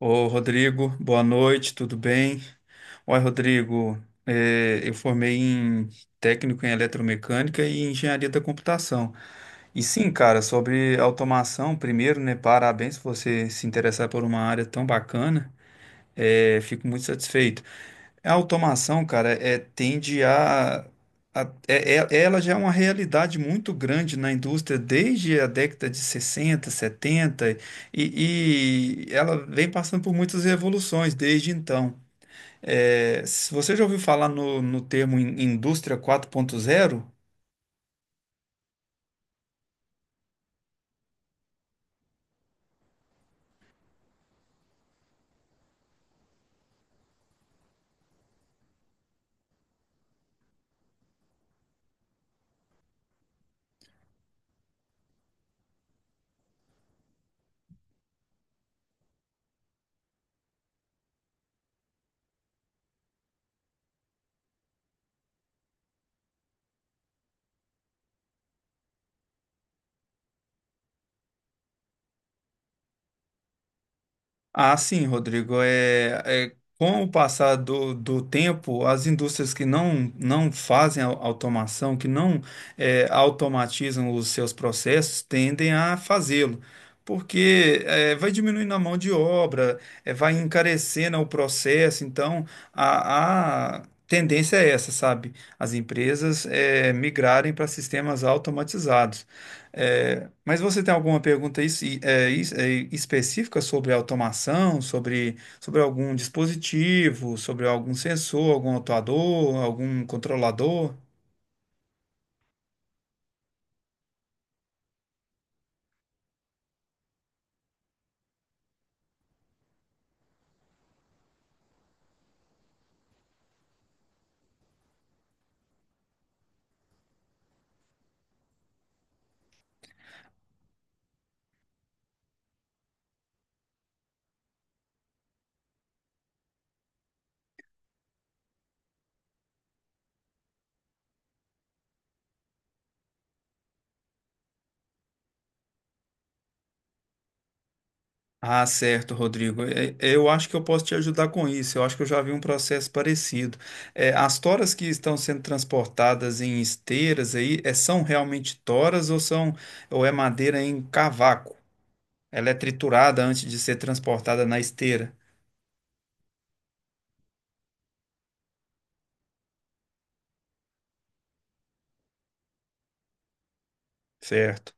Ô, Rodrigo, boa noite, tudo bem? Oi, Rodrigo, eu formei em técnico em eletromecânica e em engenharia da computação. E sim, cara, sobre automação, primeiro, né, parabéns por você se interessar por uma área tão bacana. Fico muito satisfeito. A automação, cara, tende a, ela já é uma realidade muito grande na indústria desde a década de 60 70 e, ela vem passando por muitas revoluções desde então. É, se você já ouviu falar no termo indústria 4.0. Ah, sim, Rodrigo. Com o passar do tempo, as indústrias que não, não fazem automação, que não automatizam os seus processos, tendem a fazê-lo, porque vai diminuindo a mão de obra, vai encarecendo o processo. Então, a tendência é essa, sabe? As empresas migrarem para sistemas automatizados. É, mas você tem alguma pergunta específica sobre automação, sobre algum dispositivo, sobre algum sensor, algum atuador, algum controlador? Ah, certo, Rodrigo. Eu acho que eu posso te ajudar com isso. Eu acho que eu já vi um processo parecido. É, as toras que estão sendo transportadas em esteiras aí, é, são realmente toras ou são ou é madeira em cavaco? Ela é triturada antes de ser transportada na esteira, certo?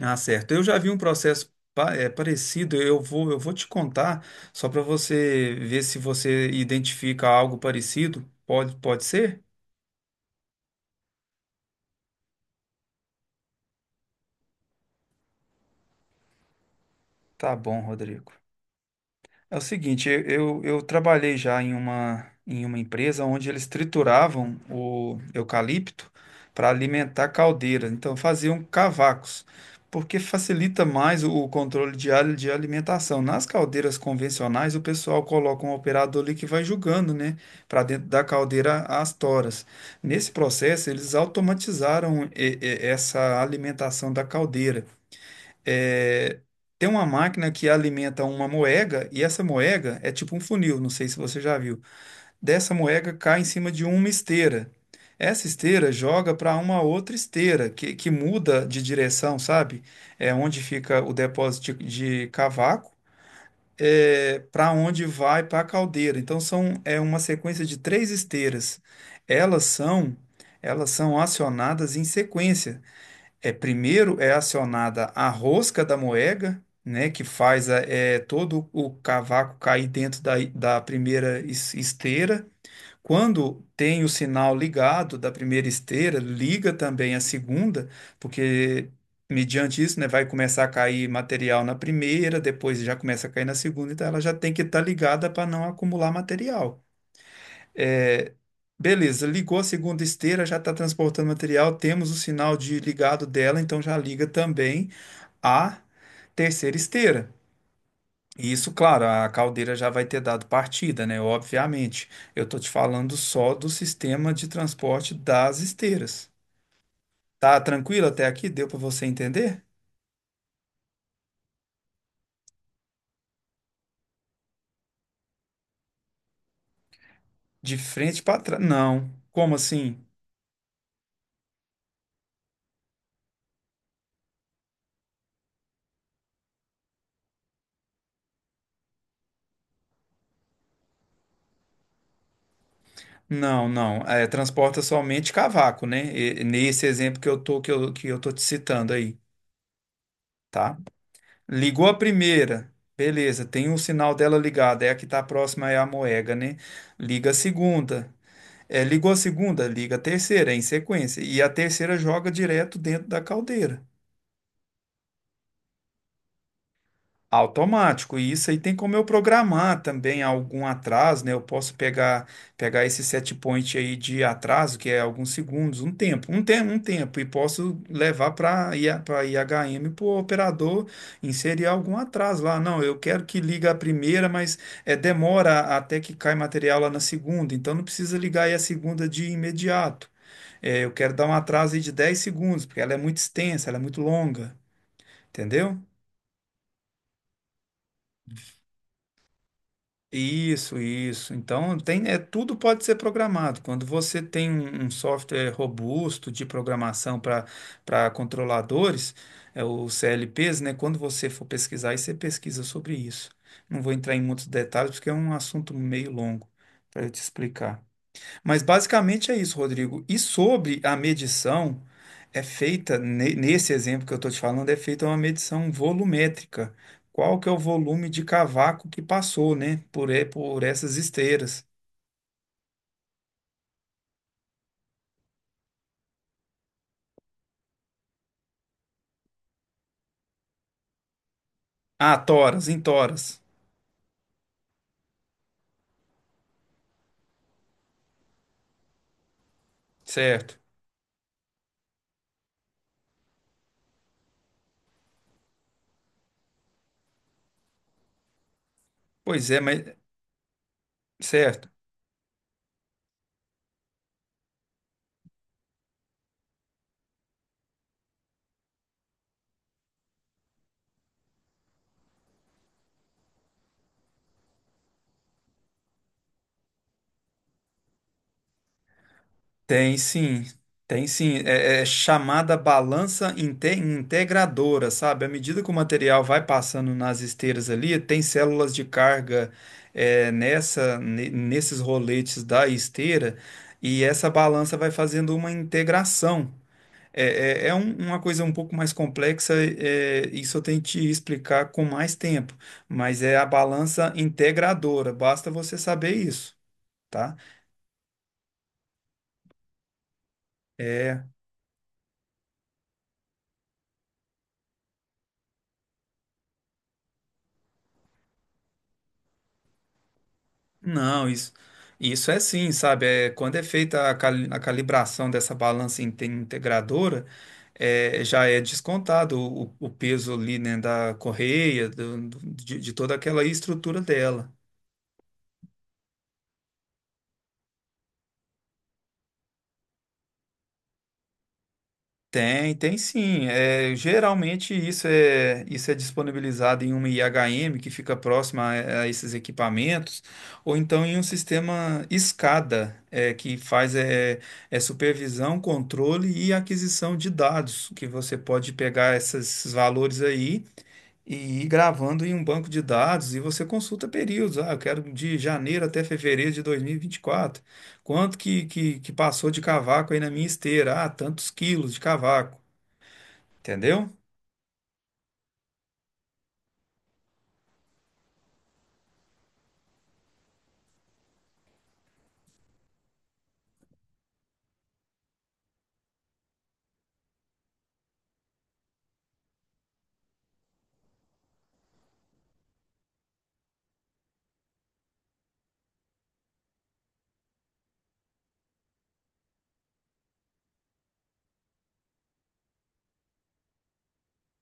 Ah, certo. Eu já vi um processo parecido. Eu vou te contar só para você ver se você identifica algo parecido. Pode ser? Tá bom, Rodrigo. É o seguinte, eu trabalhei já em em uma empresa onde eles trituravam o eucalipto para alimentar caldeira. Então faziam cavacos, porque facilita mais o controle de alimentação. Nas caldeiras convencionais, o pessoal coloca um operador ali que vai julgando, né, para dentro da caldeira as toras. Nesse processo, eles automatizaram essa alimentação da caldeira, é, tem uma máquina que alimenta uma moega e essa moega é tipo um funil, não sei se você já viu. Dessa moega cai em cima de uma esteira. Essa esteira joga para uma outra esteira que muda de direção, sabe? É onde fica o depósito de cavaco, é, para onde vai para a caldeira. Então são é uma sequência de três esteiras. Elas são elas são acionadas em sequência. É, primeiro é acionada a rosca da moega, né, que faz todo o cavaco cair dentro da primeira esteira. Quando tem o sinal ligado da primeira esteira, liga também a segunda, porque mediante isso, né, vai começar a cair material na primeira, depois já começa a cair na segunda, então ela já tem que estar ligada para não acumular material. É, beleza, ligou a segunda esteira, já está transportando material, temos o sinal de ligado dela, então já liga também a terceira esteira. E isso, claro, a caldeira já vai ter dado partida, né? Obviamente. Eu estou te falando só do sistema de transporte das esteiras. Tá tranquilo até aqui? Deu para você entender? De frente para trás. Não. Como assim? Não, não. É, transporta somente cavaco, né? Nesse exemplo que eu tô te citando aí, tá? Ligou a primeira. Beleza, tem o sinal dela ligado. É a que está próxima, é a moega, né? Liga a segunda. É, ligou a segunda, liga a terceira, é em sequência. E a terceira joga direto dentro da caldeira. Automático, e isso aí tem como eu programar também algum atraso, né? Eu posso pegar pegar esse set point aí de atraso, que é alguns segundos, um tempo, e posso levar para IHM para o operador inserir algum atraso lá. Não, eu quero que liga a primeira, mas é, demora até que cai material lá na segunda, então não precisa ligar aí a segunda de imediato. É, eu quero dar um atraso aí de 10 segundos, porque ela é muito extensa, ela é muito longa, entendeu? Isso, isso. Então, tem, é, tudo pode ser programado. Quando você tem um software robusto de programação para controladores, é, os CLPs, né? Quando você for pesquisar, aí você pesquisa sobre isso. Não vou entrar em muitos detalhes, porque é um assunto meio longo para eu te explicar. Mas basicamente é isso, Rodrigo. E sobre a medição, é feita, nesse exemplo que eu estou te falando, é feita uma medição volumétrica. Qual que é o volume de cavaco que passou, né? Por, por essas esteiras. Ah, toras, em toras. Certo. Pois é, mas. Certo. Tem sim, tem sim. É, é chamada balança integradora, sabe? À medida que o material vai passando nas esteiras ali, tem células de carga, é, nesses roletes da esteira, e essa balança vai fazendo uma integração. É, é, uma coisa um pouco mais complexa, é, isso eu tenho que te explicar com mais tempo, mas é a balança integradora, basta você saber isso, tá? É, não, isso é sim, sabe? É, quando é feita a, a calibração dessa balança integradora, é, já é descontado o peso ali, né, da correia, de toda aquela estrutura dela. Tem, tem sim. É, geralmente isso é disponibilizado em uma IHM que fica próxima a esses equipamentos, ou então em um sistema SCADA, é, que faz é, é supervisão, controle e aquisição de dados, que você pode pegar esses valores aí e ir gravando em um banco de dados e você consulta períodos. Ah, eu quero de janeiro até fevereiro de dois mil e vinte e quatro. Quanto que passou de cavaco aí na minha esteira? Ah, tantos quilos de cavaco. Entendeu?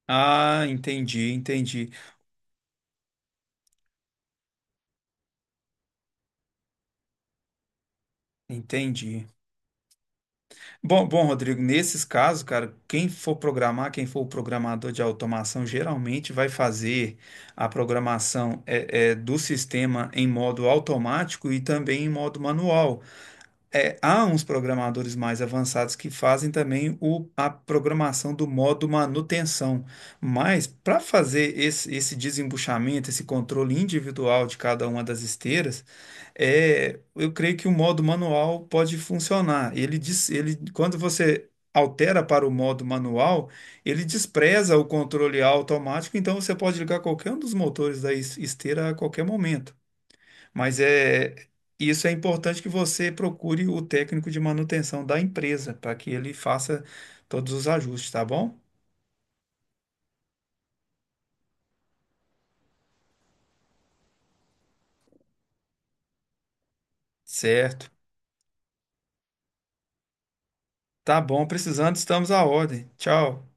Ah, entendi. Bom, Rodrigo, nesses casos, cara, quem for programar, quem for o programador de automação, geralmente vai fazer a programação do sistema em modo automático e também em modo manual. É, há uns programadores mais avançados que fazem também a programação do modo manutenção, mas para fazer esse desembuchamento, esse controle individual de cada uma das esteiras, é, eu creio que o modo manual pode funcionar. Ele diz, ele, quando você altera para o modo manual, ele despreza o controle automático, então você pode ligar qualquer um dos motores da esteira a qualquer momento. Mas é isso é importante que você procure o técnico de manutenção da empresa para que ele faça todos os ajustes, tá bom? Certo. Tá bom, precisando, estamos à ordem. Tchau.